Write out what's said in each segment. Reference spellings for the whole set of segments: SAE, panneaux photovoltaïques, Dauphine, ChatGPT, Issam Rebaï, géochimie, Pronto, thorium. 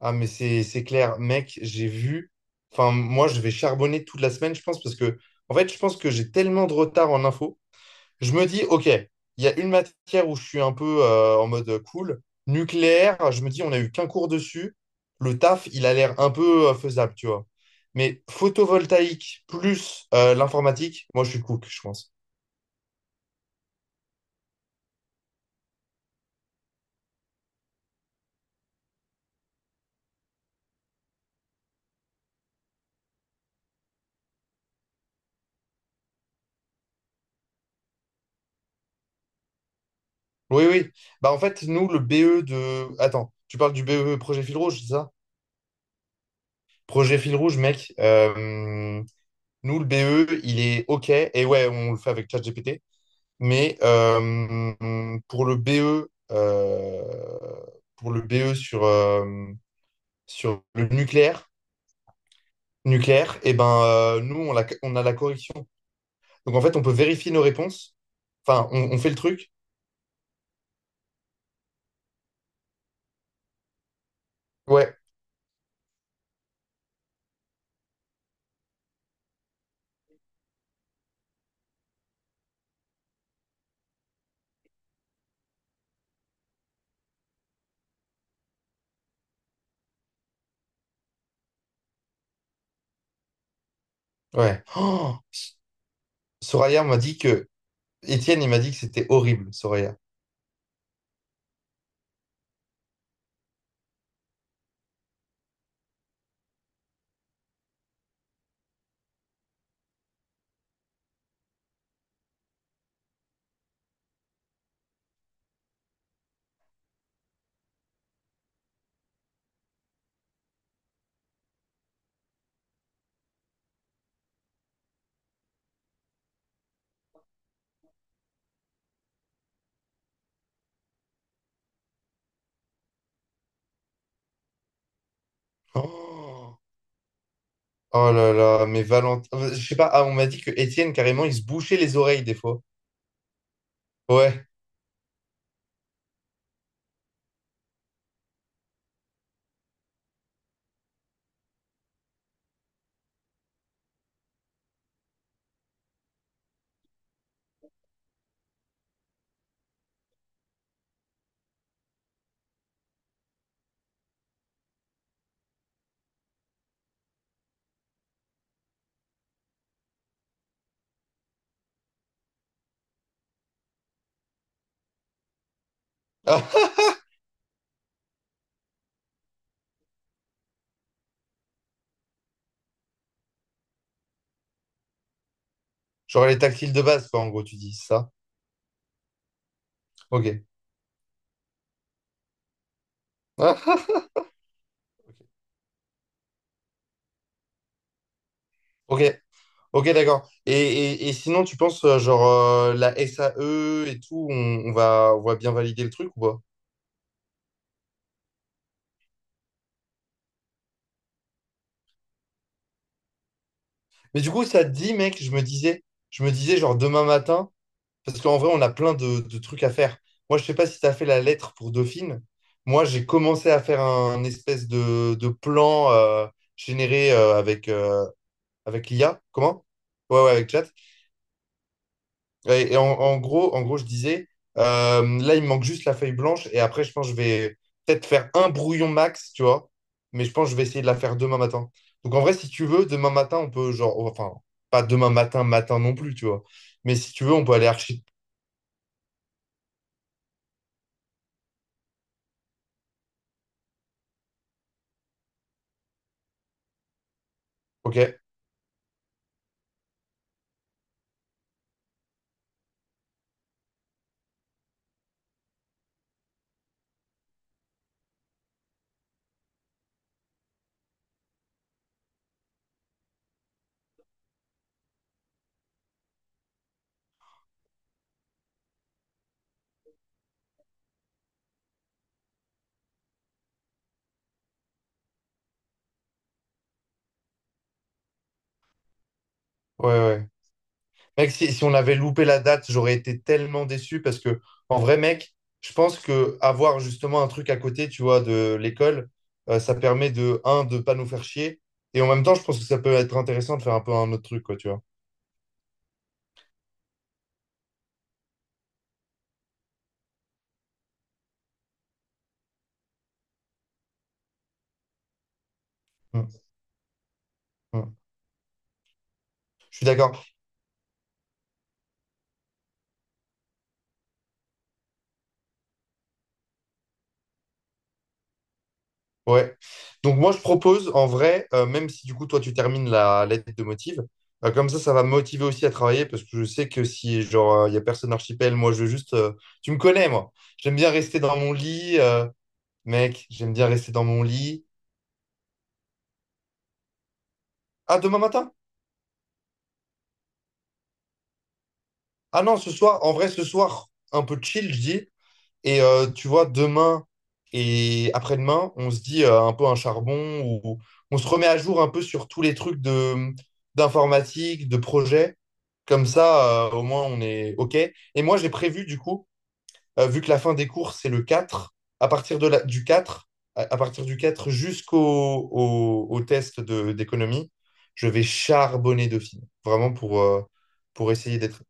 Ah, mais c'est clair, mec, j'ai vu. Enfin, moi, je vais charbonner toute la semaine, je pense, parce que, en fait, je pense que j'ai tellement de retard en info. Je me dis, OK, il y a une matière où je suis un peu en mode cool. Nucléaire, je me dis, on n'a eu qu'un cours dessus. Le taf, il a l'air un peu faisable, tu vois. Mais photovoltaïque plus l'informatique, moi, je suis cook, je pense. Oui, oui. Bah, en fait, nous, le BE de, attends, tu parles du BE projet fil rouge, c'est ça? Projet fil rouge, mec. Nous, le BE, il est OK. Et ouais, on le fait avec ChatGPT. Mais pour le BE, pour le BE sur, sur le nucléaire, et ben, nous, on, on a la correction. Donc, en fait, on peut vérifier nos réponses. Enfin, on fait le truc. Ouais, ouais. Oh, Soraya m'a dit que. Étienne, il m'a dit que c'était horrible, Soraya. Oh, oh là là, mais Valentin. Je sais pas, ah, on m'a dit que Étienne, carrément, il se bouchait les oreilles des fois. Ouais. Genre les tactiles de base, quoi, en gros, tu dis c'est ça? Ok. Ok, ok, d'accord. Et sinon, tu penses, genre, la SAE et tout, on va bien valider le truc ou pas? Mais du coup, ça te dit, mec, je me disais, genre, demain matin, parce qu'en vrai, on a plein de trucs à faire. Moi, je sais pas si tu as fait la lettre pour Dauphine. Moi, j'ai commencé à faire un, espèce de plan généré avec l'IA. Comment? Ouais, ouais, avec chat. Ouais, et en gros, je disais, là, il me manque juste la feuille blanche. Et après, je pense que je vais peut-être faire un brouillon max, tu vois. Mais je pense que je vais essayer de la faire demain matin. Donc, en vrai, si tu veux, demain matin, on peut, genre, enfin, pas demain matin, matin non plus, tu vois. Mais si tu veux, on peut aller archi. Ok? Ouais, ouais, ouais. Mec, si on avait loupé la date, j'aurais été tellement déçu parce que, en vrai, mec, je pense que avoir justement un truc à côté, tu vois, de l'école, ça permet de, un, de pas nous faire chier. Et en même temps, je pense que ça peut être intéressant de faire un peu un autre truc, quoi, tu vois. Mm, mm. Je suis d'accord. Ouais. Donc, moi, je propose, en vrai, même si du coup, toi, tu termines la lettre de motive, comme ça va me motiver aussi à travailler parce que je sais que si, genre, il n'y a personne archipel, moi, je veux juste. Tu me connais, moi. J'aime bien rester dans mon lit. Mec, j'aime bien rester dans mon lit. Ah, demain matin? Ah non, ce soir, en vrai, ce soir, un peu chill, je dis. Et tu vois, demain et après-demain, on se dit un peu un charbon ou on se remet à jour un peu sur tous les trucs de d'informatique, de projet. Comme ça, au moins, on est OK. Et moi, j'ai prévu, du coup, vu que la fin des courses, c'est le 4, à partir du 4, à partir du 4 jusqu'au au, au test d'économie, je vais charbonner Dauphine, vraiment pour essayer d'être.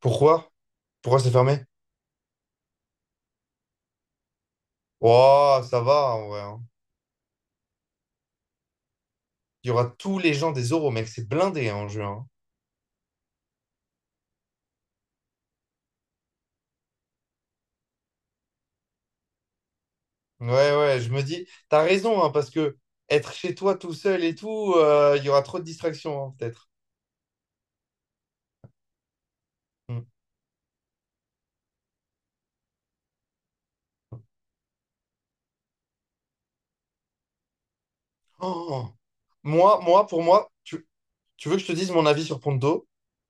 Pourquoi? Pourquoi c'est fermé? Oh, ça va, en vrai, hein. Il y aura tous les gens des euros, mec, c'est blindé hein, en juin. Hein. Ouais, ouais, je me dis, t'as raison, hein, parce que être chez toi tout seul et tout, il y aura trop de distractions, hein, peut-être. Mm. Oh. Moi, pour moi. Tu veux que je te dise mon avis sur Ponto?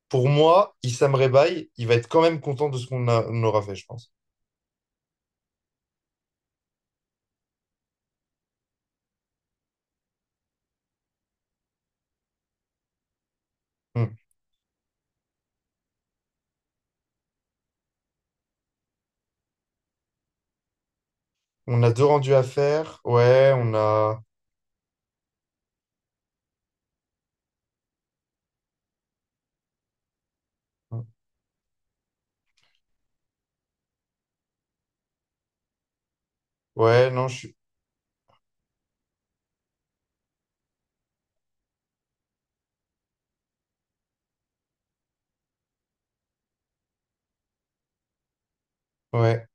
Pour moi, Issam Rebaï, il va être quand même content de ce qu'on aura fait, je pense. Hmm. On a deux rendus à faire. Ouais, on a. Ouais, non, je suis. Ouais.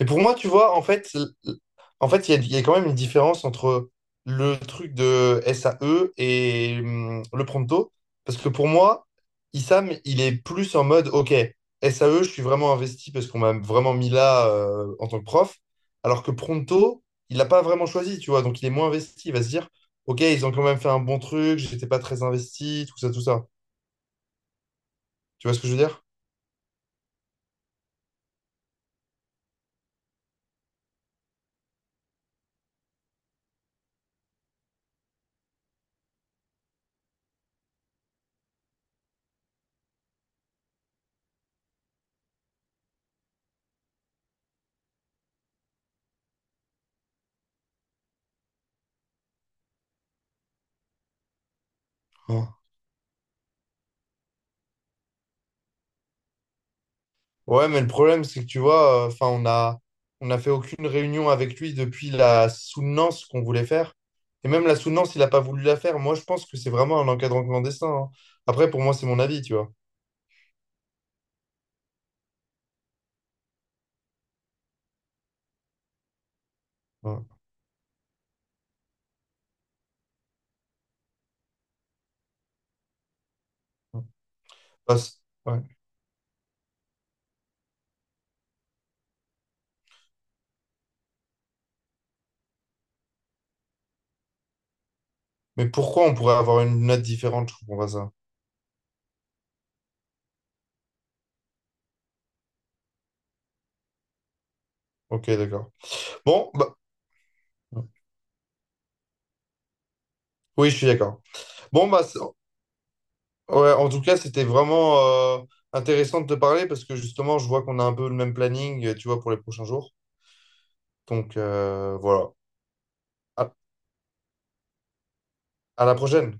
Et pour moi, tu vois, en fait, il y a quand même une différence entre le truc de SAE et le Pronto. Parce que pour moi, Issam, il est plus en mode, OK, SAE, je suis vraiment investi parce qu'on m'a vraiment mis là en tant que prof. Alors que Pronto, il n'a pas vraiment choisi, tu vois. Donc, il est moins investi. Il va se dire, OK, ils ont quand même fait un bon truc, j'étais pas très investi, tout ça, tout ça. Tu vois ce que je veux dire? Ouais, mais le problème, c'est que tu vois, enfin, on a fait aucune réunion avec lui depuis la soutenance qu'on voulait faire. Et même la soutenance, il n'a pas voulu la faire. Moi, je pense que c'est vraiment un encadrant clandestin. Hein. Après, pour moi, c'est mon avis, tu vois. Ouais. Parce- ouais. Mais pourquoi on pourrait avoir une note différente? Je comprends pas ça. Ok, d'accord. Bon, bah, oui, je suis d'accord. Bon, bah, ouais, en tout cas, c'était vraiment euh, intéressant de te parler parce que justement, je vois qu'on a un peu le même planning, tu vois, pour les prochains jours. Donc, voilà. à à la prochaine.